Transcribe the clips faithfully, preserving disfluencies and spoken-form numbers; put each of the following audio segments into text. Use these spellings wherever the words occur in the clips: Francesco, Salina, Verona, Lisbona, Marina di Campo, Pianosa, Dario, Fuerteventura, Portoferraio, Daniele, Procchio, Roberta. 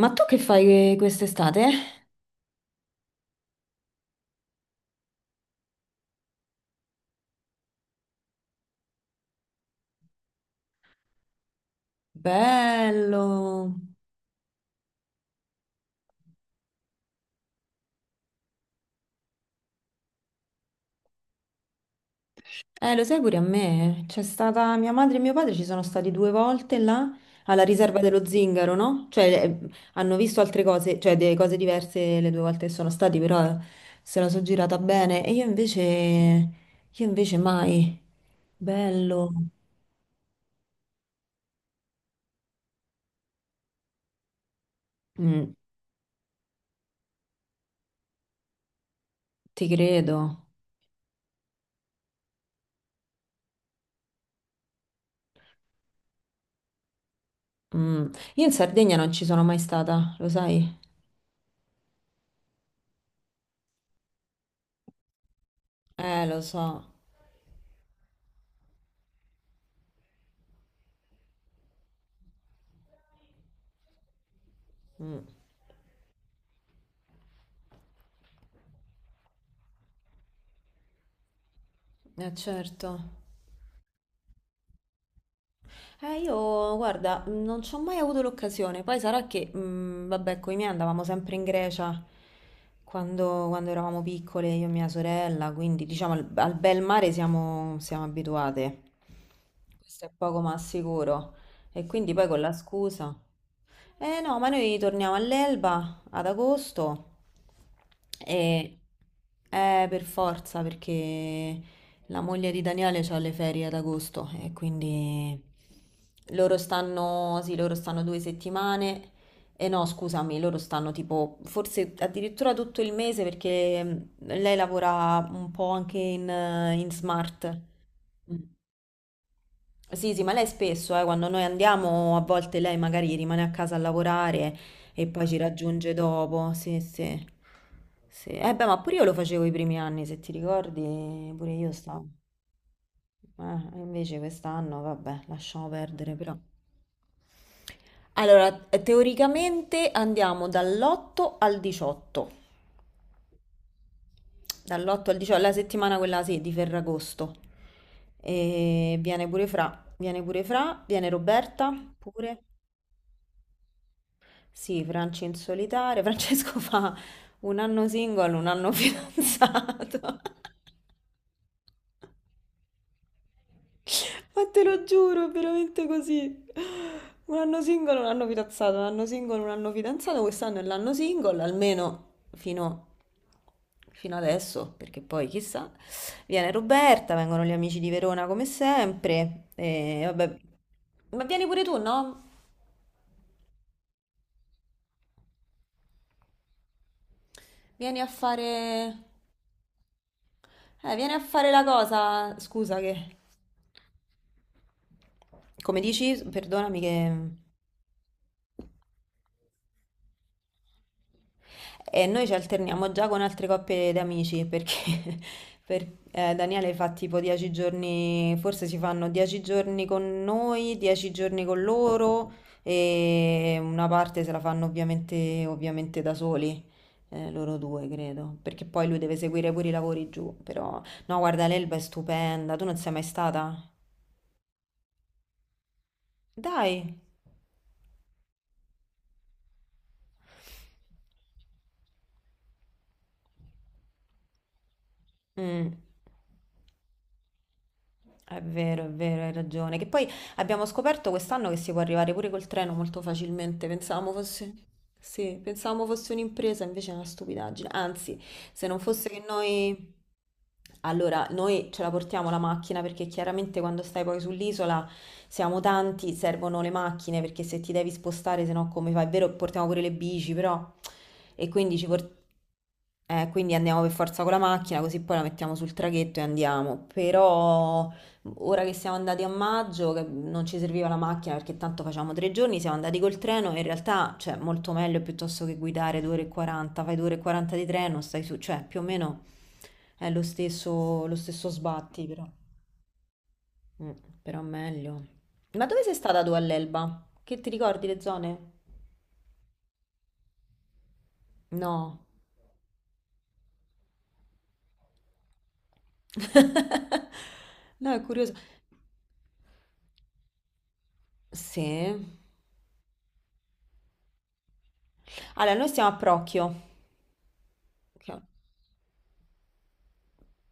Ma tu che fai quest'estate? Bello. Eh, lo sai pure a me. C'è stata mia madre e mio padre, ci sono stati due volte là alla riserva dello Zingaro, no? Cioè, eh, hanno visto altre cose, cioè delle cose diverse le due volte che sono stati, però eh, se la sono girata bene. E io invece, io invece mai. Bello. Mm, ti credo. Mm. Io in Sardegna non ci sono mai stata, lo sai? Eh, lo so. Mm. Eh, certo. Eh, io guarda, mm, non ci ho mai avuto l'occasione. Poi sarà che, mm, vabbè, con i miei andavamo sempre in Grecia quando, quando eravamo piccole, io e mia sorella, quindi diciamo al, al bel mare siamo, siamo abituate. Questo è poco ma sicuro. E quindi poi con la scusa. Eh no, ma noi torniamo all'Elba ad agosto e eh, per forza perché la moglie di Daniele ha le ferie ad agosto e quindi loro stanno, sì, loro stanno due settimane e no, scusami, loro stanno tipo forse addirittura tutto il mese perché mm, lei lavora un po' anche in, eh, in smart. Sì, sì, ma lei spesso, eh, quando noi andiamo, a volte lei magari rimane a casa a lavorare e poi ci raggiunge dopo. Sì, sì. Sì. Eh beh, ma pure io lo facevo i primi anni, se ti ricordi, pure io stavo. Eh, invece quest'anno, vabbè, lasciamo perdere però. Allora, teoricamente andiamo dall'otto al diciotto. Dall'otto al diciotto, la settimana quella sì, di Ferragosto. E viene pure Fra, viene pure Fra, viene Roberta pure. Sì, Franci in solitaria. Francesco fa un anno single, un anno fidanzato. Ma te lo giuro, è veramente così. Un anno single, un anno fidanzato, un anno single, un anno fidanzato. Quest'anno è l'anno single, almeno fino, fino adesso, perché poi chissà. Viene Roberta, vengono gli amici di Verona come sempre. E vabbè. Ma vieni pure tu, no? Vieni a fare... Eh, vieni a fare la cosa. Scusa che... Come dici, perdonami che... E noi ci alterniamo già con altre coppie di amici perché per- eh, Daniele fa tipo dieci giorni, forse si fanno dieci giorni con noi, dieci giorni con loro e una parte se la fanno ovviamente, ovviamente da soli, eh, loro due credo, perché poi lui deve seguire pure i lavori giù, però. No, guarda, l'Elba è stupenda, tu non sei mai stata? Dai! Mm. È vero, è vero, hai ragione. Che poi abbiamo scoperto quest'anno che si può arrivare pure col treno molto facilmente. Pensavamo fosse, sì, pensavamo fosse un'impresa, invece è una stupidaggine. Anzi, se non fosse che noi... Allora, noi ce la portiamo la macchina perché chiaramente quando stai poi sull'isola siamo tanti, servono le macchine perché se ti devi spostare, se no come fai? È vero, portiamo pure le bici, però... E quindi ci portiamo... Eh, quindi andiamo per forza con la macchina, così poi la mettiamo sul traghetto e andiamo. Però. Ora che siamo andati a maggio, che non ci serviva la macchina perché tanto facciamo tre giorni, siamo andati col treno. In realtà, cioè, molto meglio piuttosto che guidare due ore e quaranta, fai due ore e quaranta di treno, stai su, cioè, più o meno è lo stesso, lo stesso sbatti, però. Mm, però meglio. Ma dove sei stata tu all'Elba? Che ti ricordi le zone? No. No, è curioso. Sì. Allora, noi stiamo a Procchio. Che,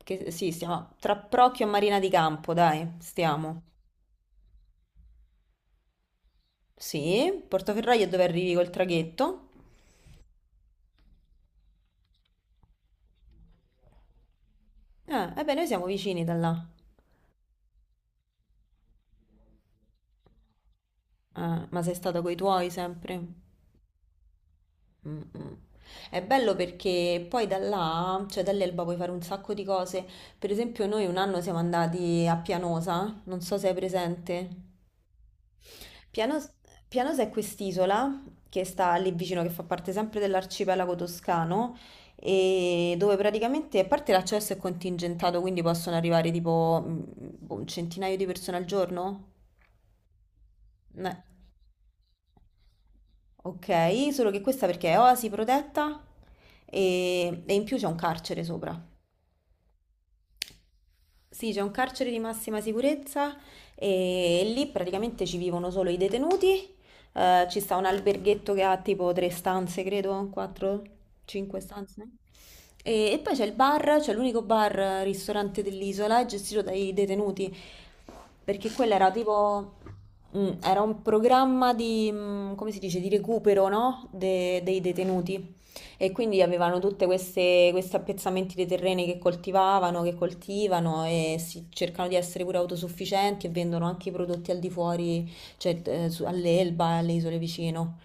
che- sì, stiamo tra Procchio e Marina di Campo, dai, stiamo. Sì, Portoferraio è dove arrivi col traghetto? Eh, eh beh, noi siamo vicini da là. Eh, ma sei stata coi tuoi sempre? Mm, mm. È bello perché poi da là, cioè dall'Elba puoi fare un sacco di cose. Per esempio noi un anno siamo andati a Pianosa, non so se hai presente. Pianos, Pianos è quest'isola che sta lì vicino, che fa parte sempre dell'arcipelago toscano, e dove praticamente, a parte l'accesso è contingentato, quindi possono arrivare tipo mm, boh, un centinaio di persone al giorno? Eh. Ok, solo che questa perché è oasi protetta e, e in più c'è un carcere sopra. Sì, c'è un carcere di massima sicurezza e lì praticamente ci vivono solo i detenuti. Eh, ci sta un alberghetto che ha tipo tre stanze, credo, quattro, cinque stanze. E, e poi c'è il bar, c'è l'unico bar eh, ristorante dell'isola, è gestito dai detenuti, perché quello era tipo, mm, era un programma di, mm, come si dice, di recupero, no? De- dei detenuti. E quindi avevano tutte queste, questi appezzamenti dei terreni che coltivavano, che coltivano e si- cercano di essere pure autosufficienti e vendono anche i prodotti al di fuori, cioè eh, su- all'Elba e alle isole vicino.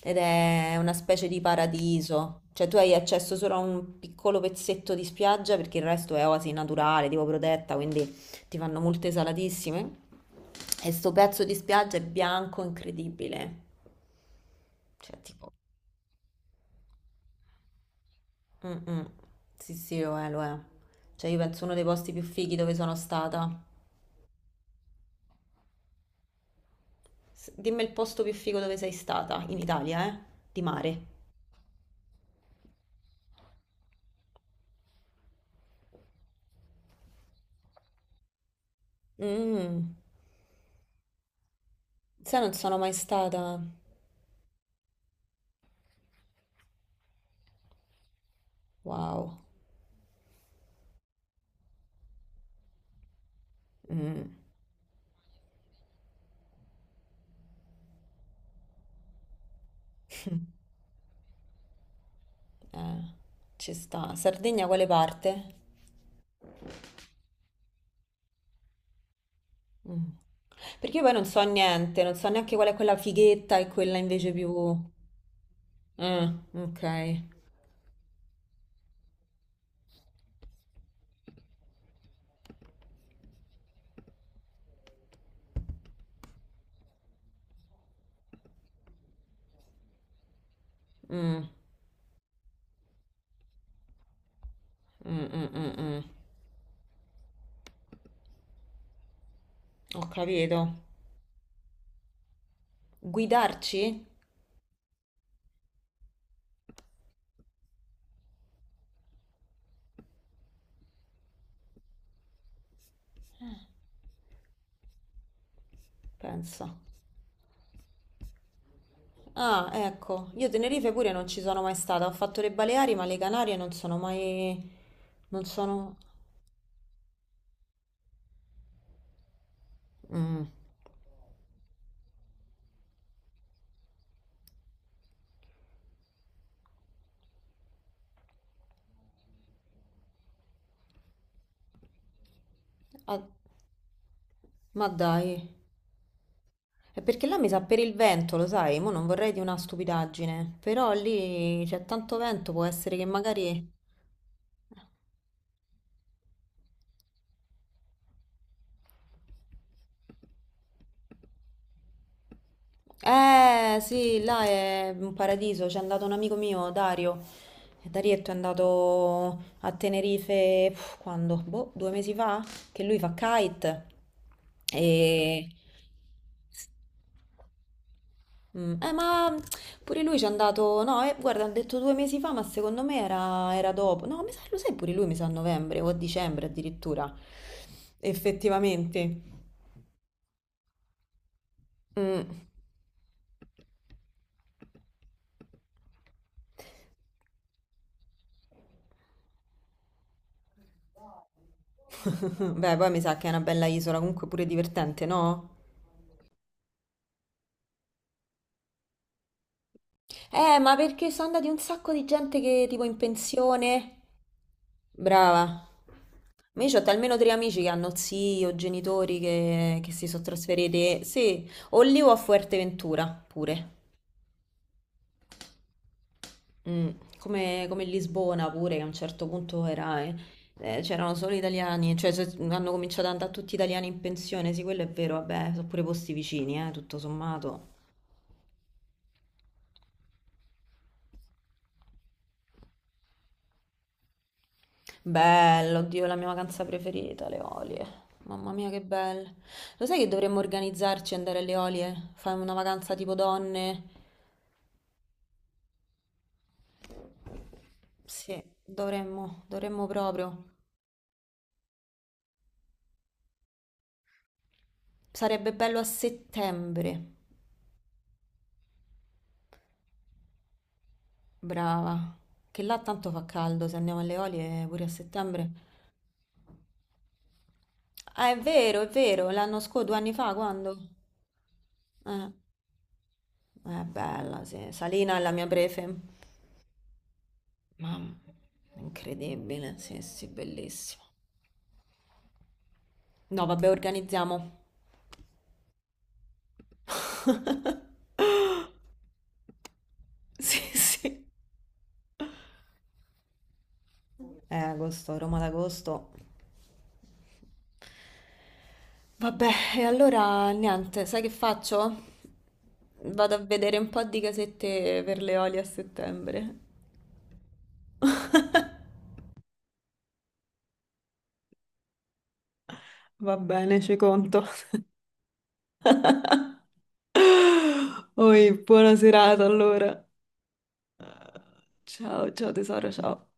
Ed è una specie di paradiso. Cioè tu hai accesso solo a un piccolo pezzetto di spiaggia perché il resto è oasi naturale, tipo protetta, quindi ti fanno multe salatissime. E sto pezzo di spiaggia è bianco incredibile. Cioè tipo. Mm, mm. Sì, sì, lo è, lo è. Cioè, io penso uno dei posti più fighi dove sono stata. S- Dimmi il posto più figo dove sei stata, in Italia, eh? Di mare. Mm. Sai, non sono mai stata. Wow. Mm, eh, ci sta. Sardegna, quale parte? Mm. Perché io poi non so niente, non so neanche qual è quella fighetta e quella invece più... Mm, ok. Mm, mm, mm, mm, mm. Ho capito. Guidarci? Eh, Pensa. Ah, ecco, io Tenerife pure non ci sono mai stata, ho fatto le Baleari, ma le Canarie non sono mai... non sono... Mm. Ah, ma dai, è perché là mi sa per il vento, lo sai, mo non vorrei di una stupidaggine, però lì c'è tanto vento, può essere che magari... Eh sì, là è un paradiso, c'è andato un amico mio, Dario. E Darietto è andato a Tenerife, pff, quando? Boh, due mesi fa? Che lui fa kite. E... Mm, eh, ma pure lui ci è andato, no, eh, guarda, hanno detto due mesi fa, ma secondo me era, era, dopo. No, mi sa, lo sai pure lui, mi sa a novembre o a dicembre addirittura. Effettivamente. Mm. Beh, poi mi sa che è una bella isola, comunque pure divertente, no? Eh, ma perché sono andati un sacco di gente che tipo in pensione? Brava. Ma io ho almeno tre amici che hanno zii o genitori che, che si sono trasferiti, sì, o lì o a Fuerteventura pure. Mm. Come, come Lisbona pure, che a un certo punto era, eh, eh, c'erano solo italiani, cioè se- hanno cominciato ad andare tutti italiani in pensione, sì, quello è vero, vabbè, sono pure posti vicini, eh, tutto sommato. Bello, oddio, è la mia vacanza preferita, le Olie. Mamma mia, che belle. Lo sai che dovremmo organizzarci e andare alle Olie? Fare una vacanza tipo donne? Sì, dovremmo, dovremmo proprio. Sarebbe bello a settembre. Brava. Che là tanto fa caldo, se andiamo alle Olie pure a settembre. Ah, è vero, è vero, l'anno scorso, due anni fa, quando? Eh, è bella, sì. Salina è la mia prefe. Mamma, incredibile, sì, sì, bellissima. No, vabbè, organizziamo. Sì, sì. Eh, agosto, Roma d'agosto. Vabbè, e allora niente, sai che faccio? Vado a vedere un po' di casette per le oli a settembre. Va bene, ci conto. Oi, buona serata allora. Ciao, ciao tesoro, ciao.